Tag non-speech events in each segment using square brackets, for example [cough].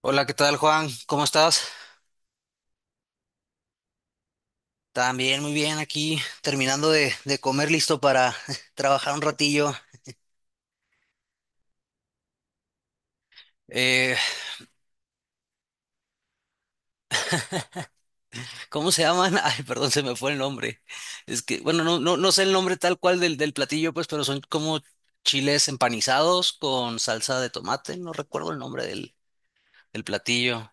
Hola, ¿qué tal, Juan? ¿Cómo estás? También muy bien aquí, terminando de comer, listo para [laughs] trabajar un ratillo. Eh, ¿Cómo se llaman? [laughs] Ay, perdón, se me fue el nombre. Es que, bueno, no sé el nombre tal cual del platillo, pues, pero son como chiles empanizados con salsa de tomate. No recuerdo el nombre del platillo.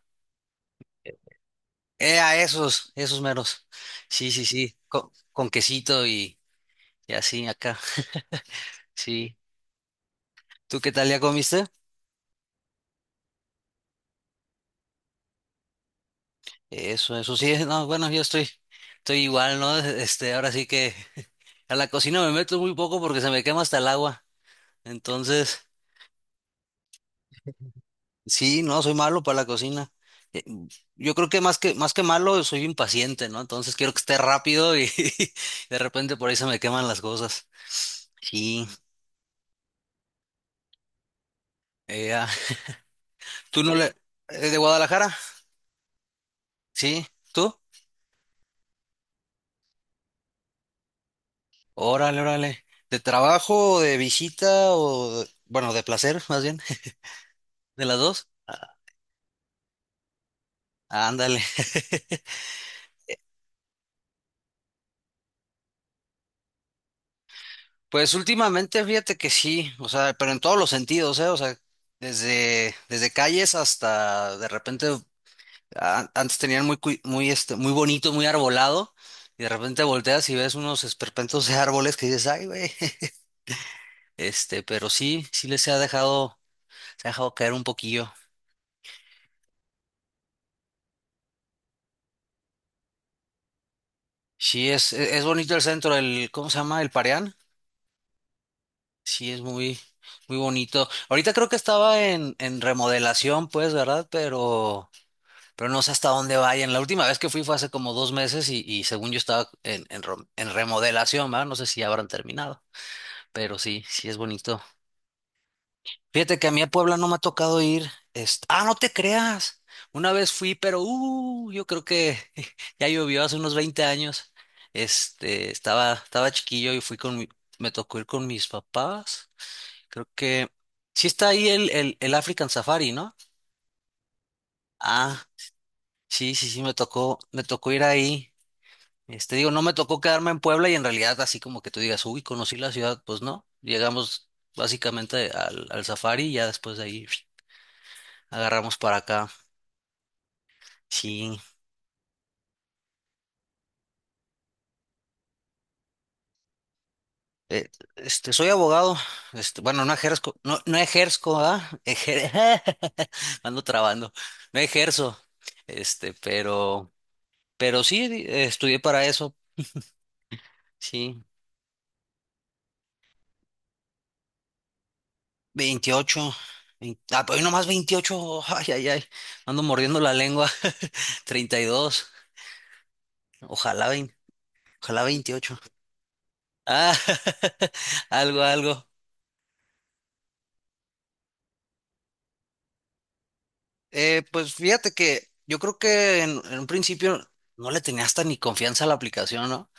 A esos meros. Sí, sí, sí, con quesito y así acá. Sí. ¿Tú qué tal ya comiste? Eso sí, [laughs] no, bueno, yo estoy igual, ¿no? [laughs] Ahora sí que [laughs] a la cocina me meto muy poco porque se me quema hasta el agua. Entonces, sí, no, soy malo para la cocina. Eh, Yo creo que más que malo, soy impaciente, ¿no? Entonces quiero que esté rápido y [laughs] de repente por ahí se me queman las cosas. Sí, ah, ¿tú no le, de Guadalajara? Sí, ¿tú? Órale, órale. ¿De trabajo, de visita o, bueno, de placer, más bien, [laughs] de las dos? Ah, ándale. [laughs] Pues últimamente fíjate que sí, o sea, pero en todos los sentidos, ¿eh? O sea, desde calles hasta de repente, antes tenían muy, muy, muy bonito, muy arbolado, y de repente volteas y ves unos esperpentos de árboles que dices, ay, güey, [laughs] pero sí, sí les se ha dejado caer un poquillo. Sí, es bonito el centro, el, ¿cómo se llama? El Pareán. Sí, es muy, muy bonito. Ahorita creo que estaba en remodelación, pues, ¿verdad? Pero no sé hasta dónde vayan. La última vez que fui fue hace como 2 meses y según yo estaba en remodelación, ¿verdad? No sé si ya habrán terminado, pero sí, sí es bonito. Fíjate que a mí a Puebla no me ha tocado ir. Ah, no te creas. Una vez fui, pero yo creo que [laughs] ya llovió hace unos 20 años. Estaba chiquillo y fui con me tocó ir con mis papás. Creo que sí está ahí el African Safari, ¿no? Ah, sí, sí, sí, me tocó ir ahí. Digo, no me tocó quedarme en Puebla y en realidad así como que tú digas, uy, conocí la ciudad, pues no. Llegamos básicamente al safari y ya después de ahí [sniffs] agarramos para acá. Sí, eh, soy abogado, bueno, no ejerzo, no ejerzo, ¿ah? [laughs] Ando trabando, no ejerzo, este, pero, pero sí, estudié para eso, sí, 28 ah, pero hoy nomás 28 ay, ay, ay, ando mordiendo la lengua, [laughs] 32 Ojalá, vein- ojalá 28. Ah, [laughs] algo, algo. Pues fíjate que yo creo que en un principio no le tenía hasta ni confianza a la aplicación, ¿no?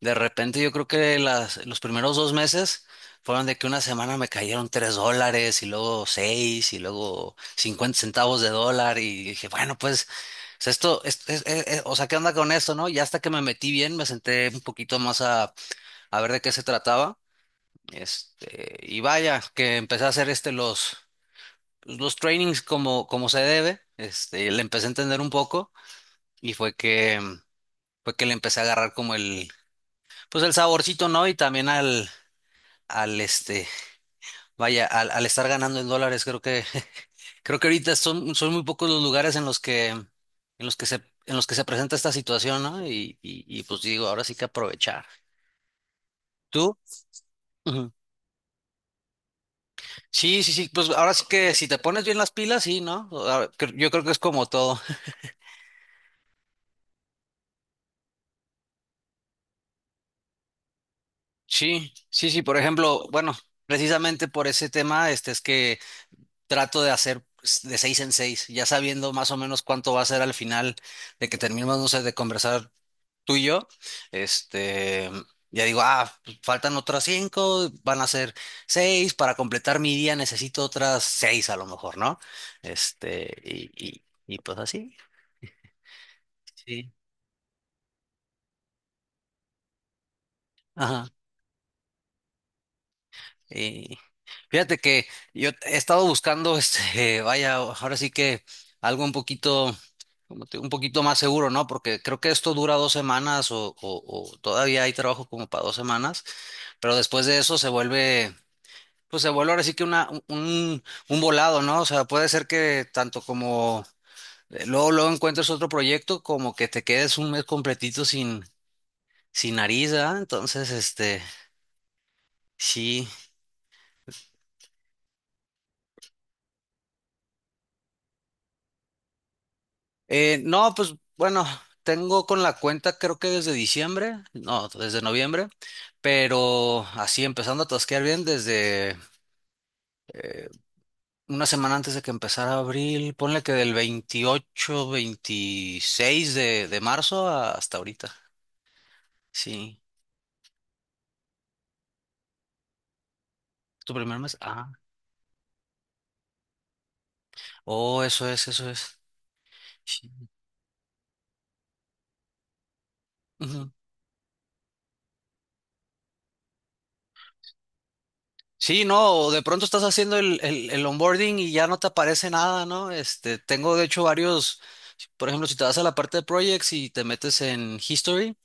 De repente yo creo que los primeros dos meses fueron de que una semana me cayeron $3 y luego seis y luego 50 centavos de dólar y dije, bueno, pues es esto, o sea, ¿qué onda con esto, no? Y hasta que me metí bien, me senté un poquito más a ver de qué se trataba. Y vaya, que empecé a hacer los, pues, los trainings como se debe. Le empecé a entender un poco y fue que le empecé a agarrar como el, pues el saborcito, ¿no? Y también al, al este, al estar ganando en dólares, creo que, [laughs] creo que ahorita son, son muy pocos los lugares en los que se, en los que se presenta esta situación, ¿no? Y pues digo, ahora sí que aprovechar. ¿Tú? Ujú. Sí, sí, sí, pues ahora sí que si te pones bien las pilas, sí, ¿no? Ahora, yo creo que es como todo. Sí, sí, sí, por ejemplo, bueno, precisamente por ese tema, es que trato de hacer pues, de seis en seis, ya sabiendo más o menos cuánto va a ser al final de que terminemos, no sé, de conversar tú y yo, este, ya digo, ah, pues, faltan otras cinco, van a ser seis, para completar mi día necesito otras seis a lo mejor, ¿no? Y pues así, sí, y fíjate que yo he estado buscando, [laughs] vaya, ahora sí que algo un poquito, como un poquito más seguro, ¿no? Porque creo que esto dura 2 semanas o todavía hay trabajo como para 2 semanas, pero después de eso se vuelve, pues se vuelve ahora sí que una, un volado, ¿no? O sea, puede ser que tanto como luego, luego encuentres otro proyecto, como que te quedes un mes completito sin nariz, ¿ah? Entonces, sí. No, pues bueno, tengo con la cuenta creo que desde diciembre, no, desde noviembre, pero así empezando a tosquear bien desde una semana antes de que empezara abril, ponle que del 28 26 de marzo hasta ahorita. Sí, ¿tu primer mes? Ah, oh, eso es, eso es. Sí. Sí, no, o de pronto estás haciendo el onboarding y ya no te aparece nada, ¿no? Tengo de hecho varios, por ejemplo, si te vas a la parte de projects y te metes en history,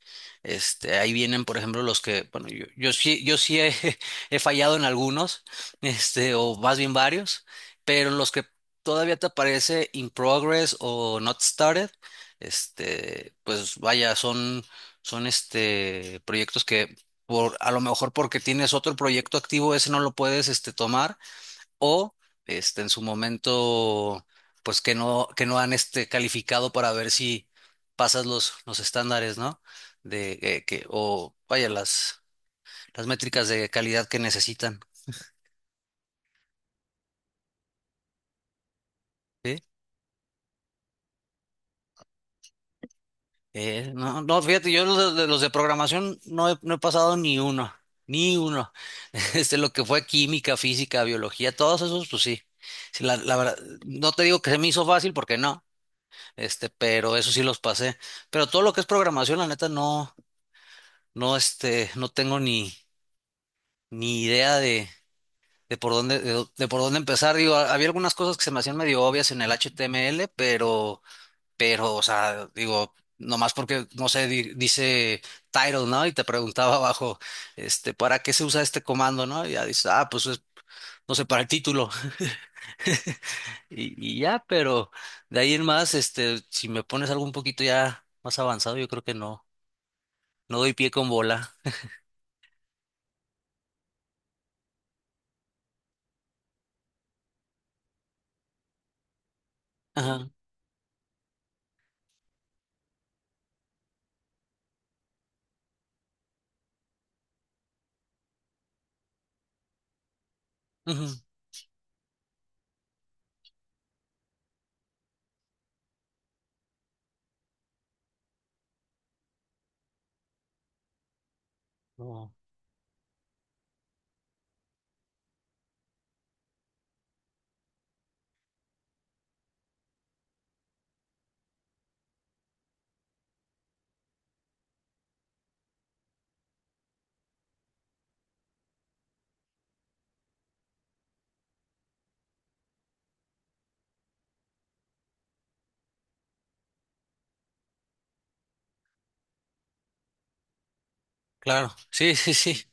ahí vienen, por ejemplo, los que, bueno, yo sí he, [laughs] he fallado en algunos, o más bien varios, pero en los que todavía te aparece in progress o not started, pues vaya, son proyectos que a lo mejor porque tienes otro proyecto activo, ese no lo puedes tomar, o en su momento, pues que no han calificado para ver si pasas los estándares, ¿no? De que, o vaya, las métricas de calidad que necesitan. ¿Sí? No, no, fíjate, yo los de programación no he pasado ni uno, ni uno. [laughs] Lo que fue química, física, biología, todos esos, pues sí. Sí, la verdad, no te digo que se me hizo fácil porque no, pero eso sí los pasé. Pero todo lo que es programación, la neta, no, no, no tengo ni idea de por dónde, de por dónde empezar. Digo, había algunas cosas que se me hacían medio obvias en el HTML, pero, o sea, digo, nomás porque, no sé, dice title, ¿no? Y te preguntaba [laughs] abajo, ¿para qué se usa este comando, no? Y ya dices, ah, pues es, no sé, para el título. [laughs] Y ya, pero de ahí en más, si me pones algo un poquito ya más avanzado, yo creo que no, no doy pie con bola. Ajá, ujú, no, claro, sí, sí, sí,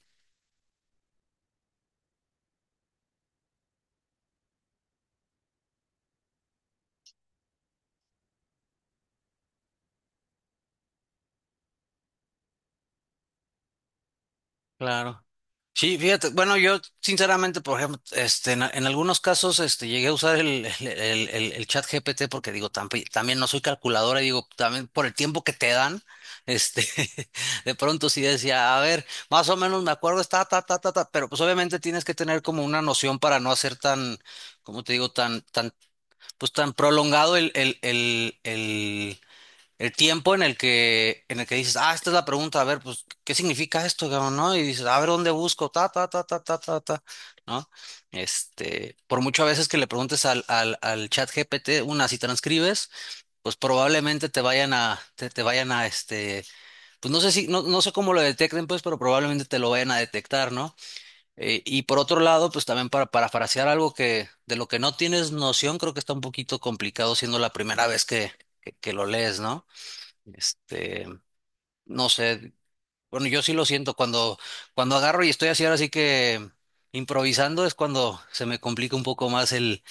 claro. Sí, fíjate, bueno, yo sinceramente, por ejemplo, en algunos casos, llegué a usar el chat GPT porque digo, también no soy calculadora y digo, también por el tiempo que te dan, este, [laughs] de pronto sí decía, a ver, más o menos me acuerdo, está, ta, ta, ta, ta, pero pues obviamente tienes que tener como una noción para no hacer tan, como te digo, tan, pues tan prolongado el el tiempo en el que dices, ah, esta es la pregunta, a ver, pues, ¿qué significa esto, cabrón, no? Y dices, a ver, ¿dónde busco? Ta, ta, ta, ta, ta, ta, ta, ¿no? Por mucho a veces que le preguntes al chat GPT, una, si transcribes, pues probablemente te vayan a, pues no sé si, no, no sé cómo lo detecten, pues, pero probablemente te lo vayan a detectar, ¿no? Y por otro lado, pues también para parafrasear algo que, de lo que no tienes noción, creo que está un poquito complicado siendo la primera vez que lo lees, ¿no? Este, no sé, bueno, yo sí lo siento cuando, cuando agarro y estoy así ahora sí que improvisando es cuando se me complica un poco más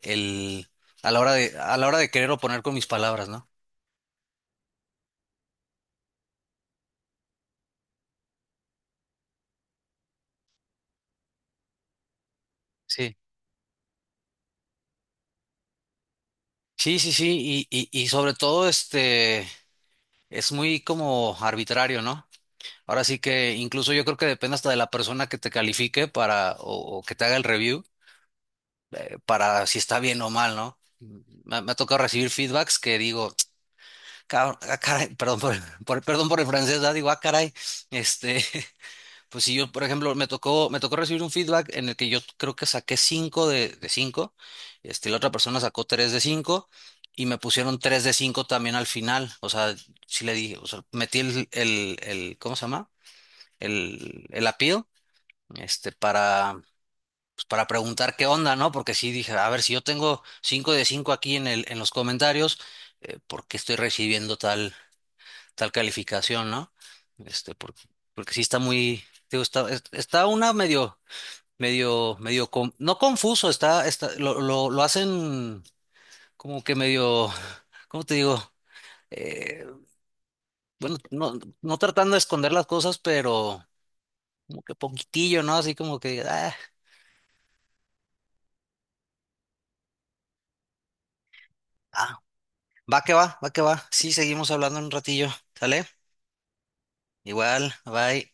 el, a la hora de, a la hora de querer oponer con mis palabras, ¿no? Sí. Sí, sí, sí, y sobre todo es muy como arbitrario, ¿no? Ahora sí que incluso yo creo que depende hasta de la persona que te califique para, o que te haga el review, para si está bien o mal, ¿no? Me ha tocado recibir feedbacks que digo, ah, caray, perdón por, perdón por el francés, ¿verdad? Digo, ah, caray, este, [laughs] pues si yo, por ejemplo, me tocó recibir un feedback en el que yo creo que saqué 5 de 5, la otra persona sacó 3 de 5 y me pusieron 3 de 5 también al final, o sea, sí le dije, o sea, metí ¿cómo se llama? El appeal, para, pues, para preguntar qué onda, ¿no? Porque sí dije, a ver, si yo tengo 5 de 5 aquí en los comentarios, ¿por qué estoy recibiendo tal calificación, ¿no? Este, porque, porque sí está muy, digo, está una medio, no confuso, lo hacen como que medio, ¿cómo te digo? Eh, bueno, no, no tratando de esconder las cosas, pero como que poquitillo, ¿no? Así como que, ah, ah, va que va, va que va. Sí, seguimos hablando en un ratillo, ¿sale? Igual, bye.